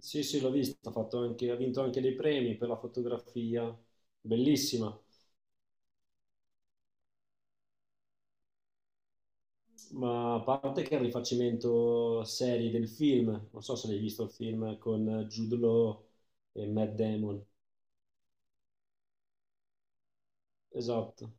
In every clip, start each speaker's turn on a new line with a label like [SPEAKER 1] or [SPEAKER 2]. [SPEAKER 1] Sì, sì, l'ho vista, ha vinto anche dei premi per la fotografia, bellissima, ma a parte che è il rifacimento serie del film, non so se l'hai visto il film con Jude Law e Matt Damon, esatto.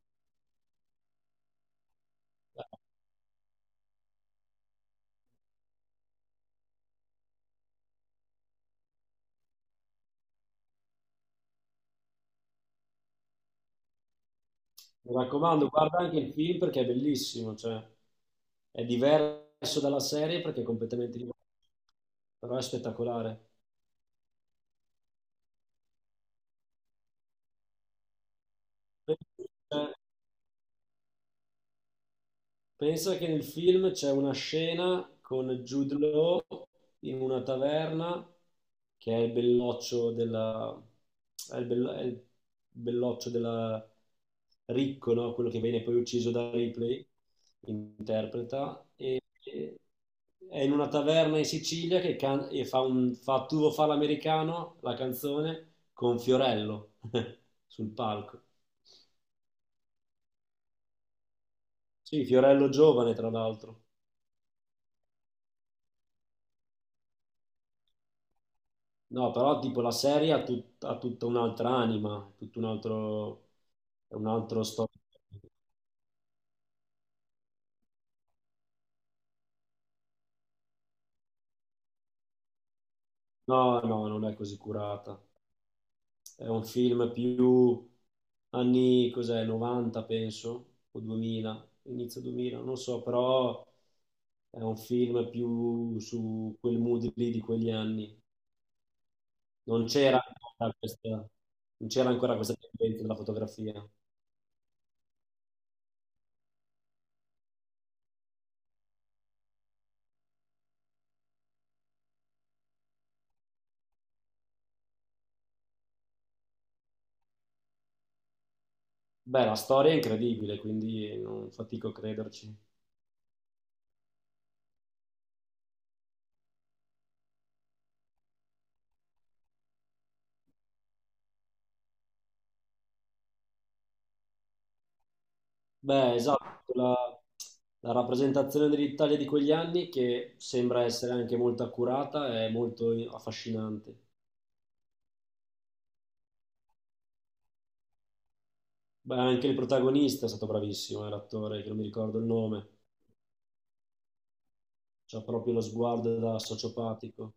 [SPEAKER 1] Mi raccomando, guarda anche il film perché è bellissimo, cioè è diverso dalla serie perché è completamente diverso, però è spettacolare. Pensa che nel film c'è una scena con Jude Law in una taverna che è il belloccio della... è il belloccio della Ricco, no? Quello che viene poi ucciso da Ripley, interpreta. E- È in una taverna in Sicilia e fa, un, fa Tu lo fa l'americano, la canzone, con Fiorello sul palco. Sì, Fiorello giovane, tra l'altro. No, però tipo la serie ha, ha tutta un'altra anima, tutto un altro, è un altro storico. No, no, non è così curata. È un film più anni, cos'è, 90 penso, o 2000, inizio 2000, non so, però è un film più su quel mood lì di quegli anni. Non c'era ancora questa, Non c'era ancora questa tendenza della fotografia. Beh, la storia è incredibile, quindi non fatico a crederci. Beh, esatto, la, la rappresentazione dell'Italia di quegli anni che sembra essere anche molto accurata è molto affascinante. Beh, anche il protagonista è stato bravissimo, l'attore, che non mi ricordo il nome, c'ha proprio lo sguardo da sociopatico.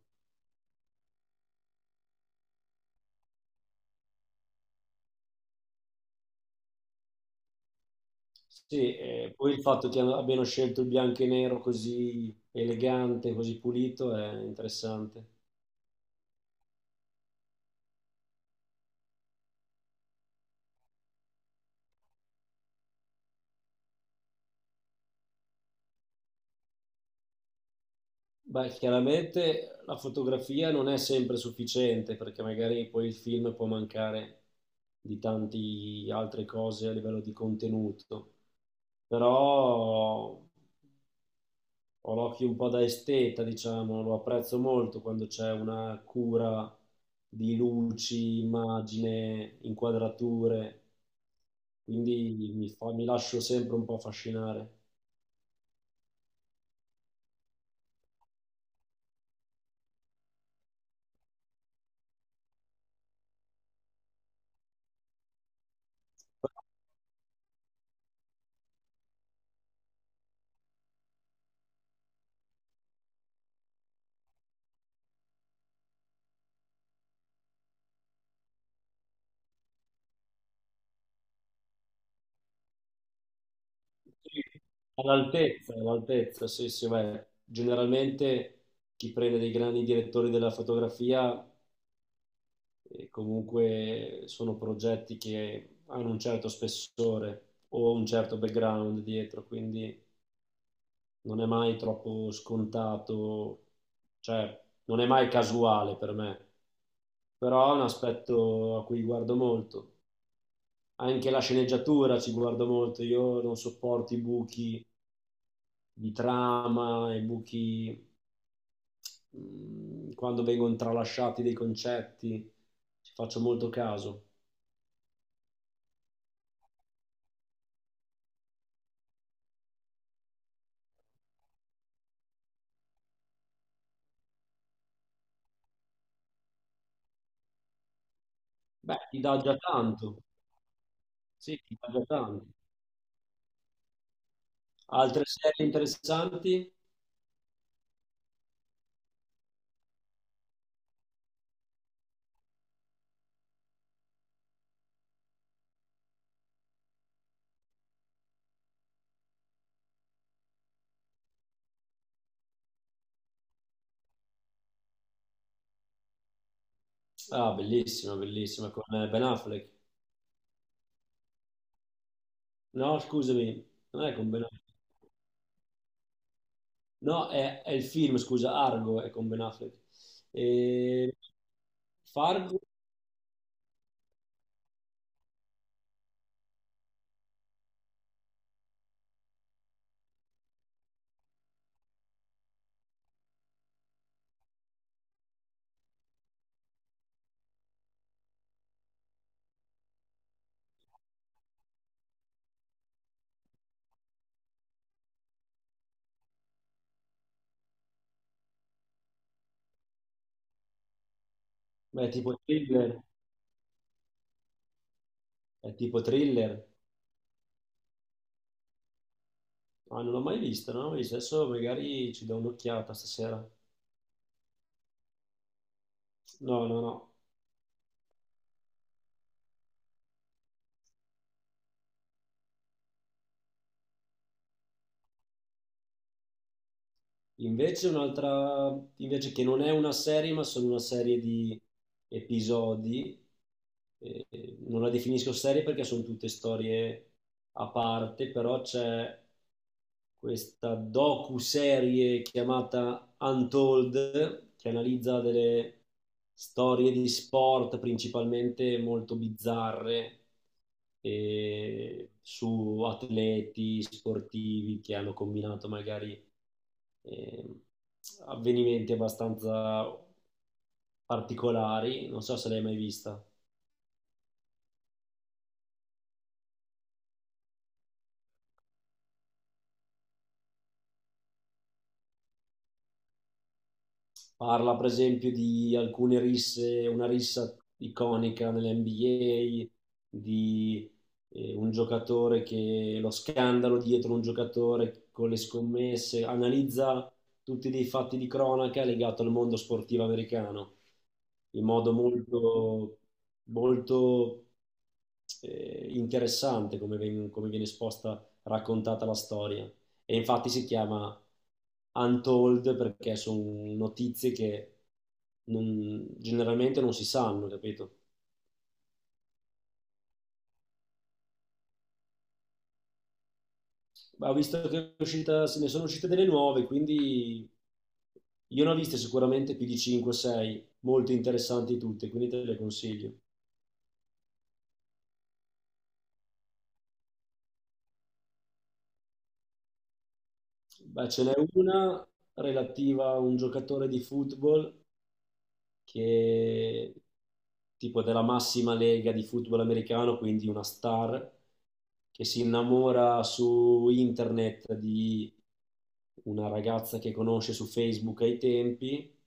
[SPEAKER 1] Sì, e poi il fatto che abbiano scelto il bianco e nero così elegante, così pulito è interessante. Beh, chiaramente la fotografia non è sempre sufficiente perché magari poi il film può mancare di tante altre cose a livello di contenuto, però ho l'occhio un po' da esteta, diciamo, lo apprezzo molto quando c'è una cura di luci, immagine, inquadrature, quindi mi lascio sempre un po' affascinare. Sì. All'altezza, all'altezza, sì, sì, beh, generalmente chi prende dei grandi direttori della fotografia comunque sono progetti che hanno un certo spessore o un certo background dietro, quindi non è mai troppo scontato, cioè non è mai casuale per me, però è un aspetto a cui guardo molto. Anche la sceneggiatura ci guardo molto, io non sopporto i buchi di trama, i buchi quando vengono tralasciati dei concetti, ci faccio molto caso. Beh, ti dà già tanto, sì, ti dà già tanto. Altre serie interessanti? Ah, bellissima, bellissima, con Ben Affleck. No, scusami, non è con Ben Affleck. No, è il film, scusa, Argo è con Ben Affleck. E Fargo è tipo thriller, è tipo thriller. Ah, non l'ho mai vista, non l'ho mai vista. Adesso magari ci do un'occhiata stasera. No, no, no. Invece un'altra, invece che non è una serie, ma sono una serie di episodi. eh, Non la definisco serie perché sono tutte storie a parte, però c'è questa docu-serie chiamata Untold che analizza delle storie di sport principalmente molto bizzarre su atleti sportivi che hanno combinato magari eh, avvenimenti abbastanza particolari, non so se l'hai mai vista. Parla per esempio di alcune risse, una rissa iconica nell'NBA, di un giocatore che lo scandalo dietro un giocatore con le scommesse, analizza tutti dei fatti di cronaca legato al mondo sportivo americano in modo molto, molto interessante come, come viene esposta, raccontata la storia. E infatti si chiama Untold perché sono notizie che generalmente non si sanno, capito? Ma ho visto che è uscita, se ne sono uscite delle nuove, quindi io ne ho viste sicuramente più di 5-6, molto interessanti tutte, quindi te le consiglio. Beh, ce n'è una relativa a un giocatore di football che tipo della massima lega di football americano, quindi una star che si innamora su internet di una ragazza che conosce su Facebook ai tempi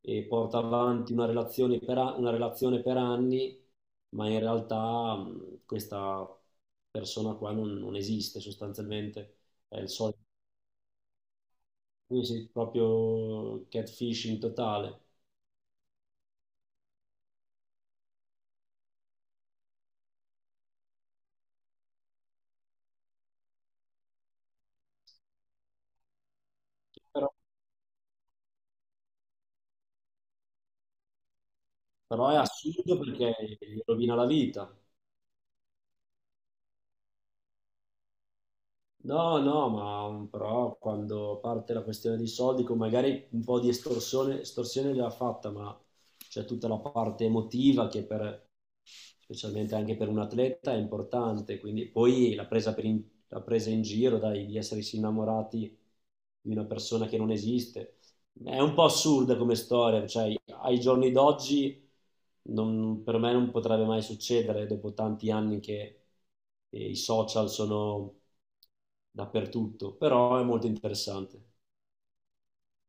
[SPEAKER 1] e porta avanti una relazione per, una relazione per anni, ma in realtà questa persona qua non esiste sostanzialmente, è il solito, sì, sì, proprio catfishing totale. Però, però è assurdo perché gli rovina la vita. No, no, ma però quando parte la questione dei soldi, con magari un po' di estorsione, estorsione già fatta, ma c'è tutta la parte emotiva specialmente anche per un atleta è importante, quindi poi la presa, la presa in giro, dai, di essersi innamorati di una persona che non esiste, è un po' assurda come storia, cioè ai giorni d'oggi per me non potrebbe mai succedere dopo tanti anni che i social sono dappertutto, però è molto interessante.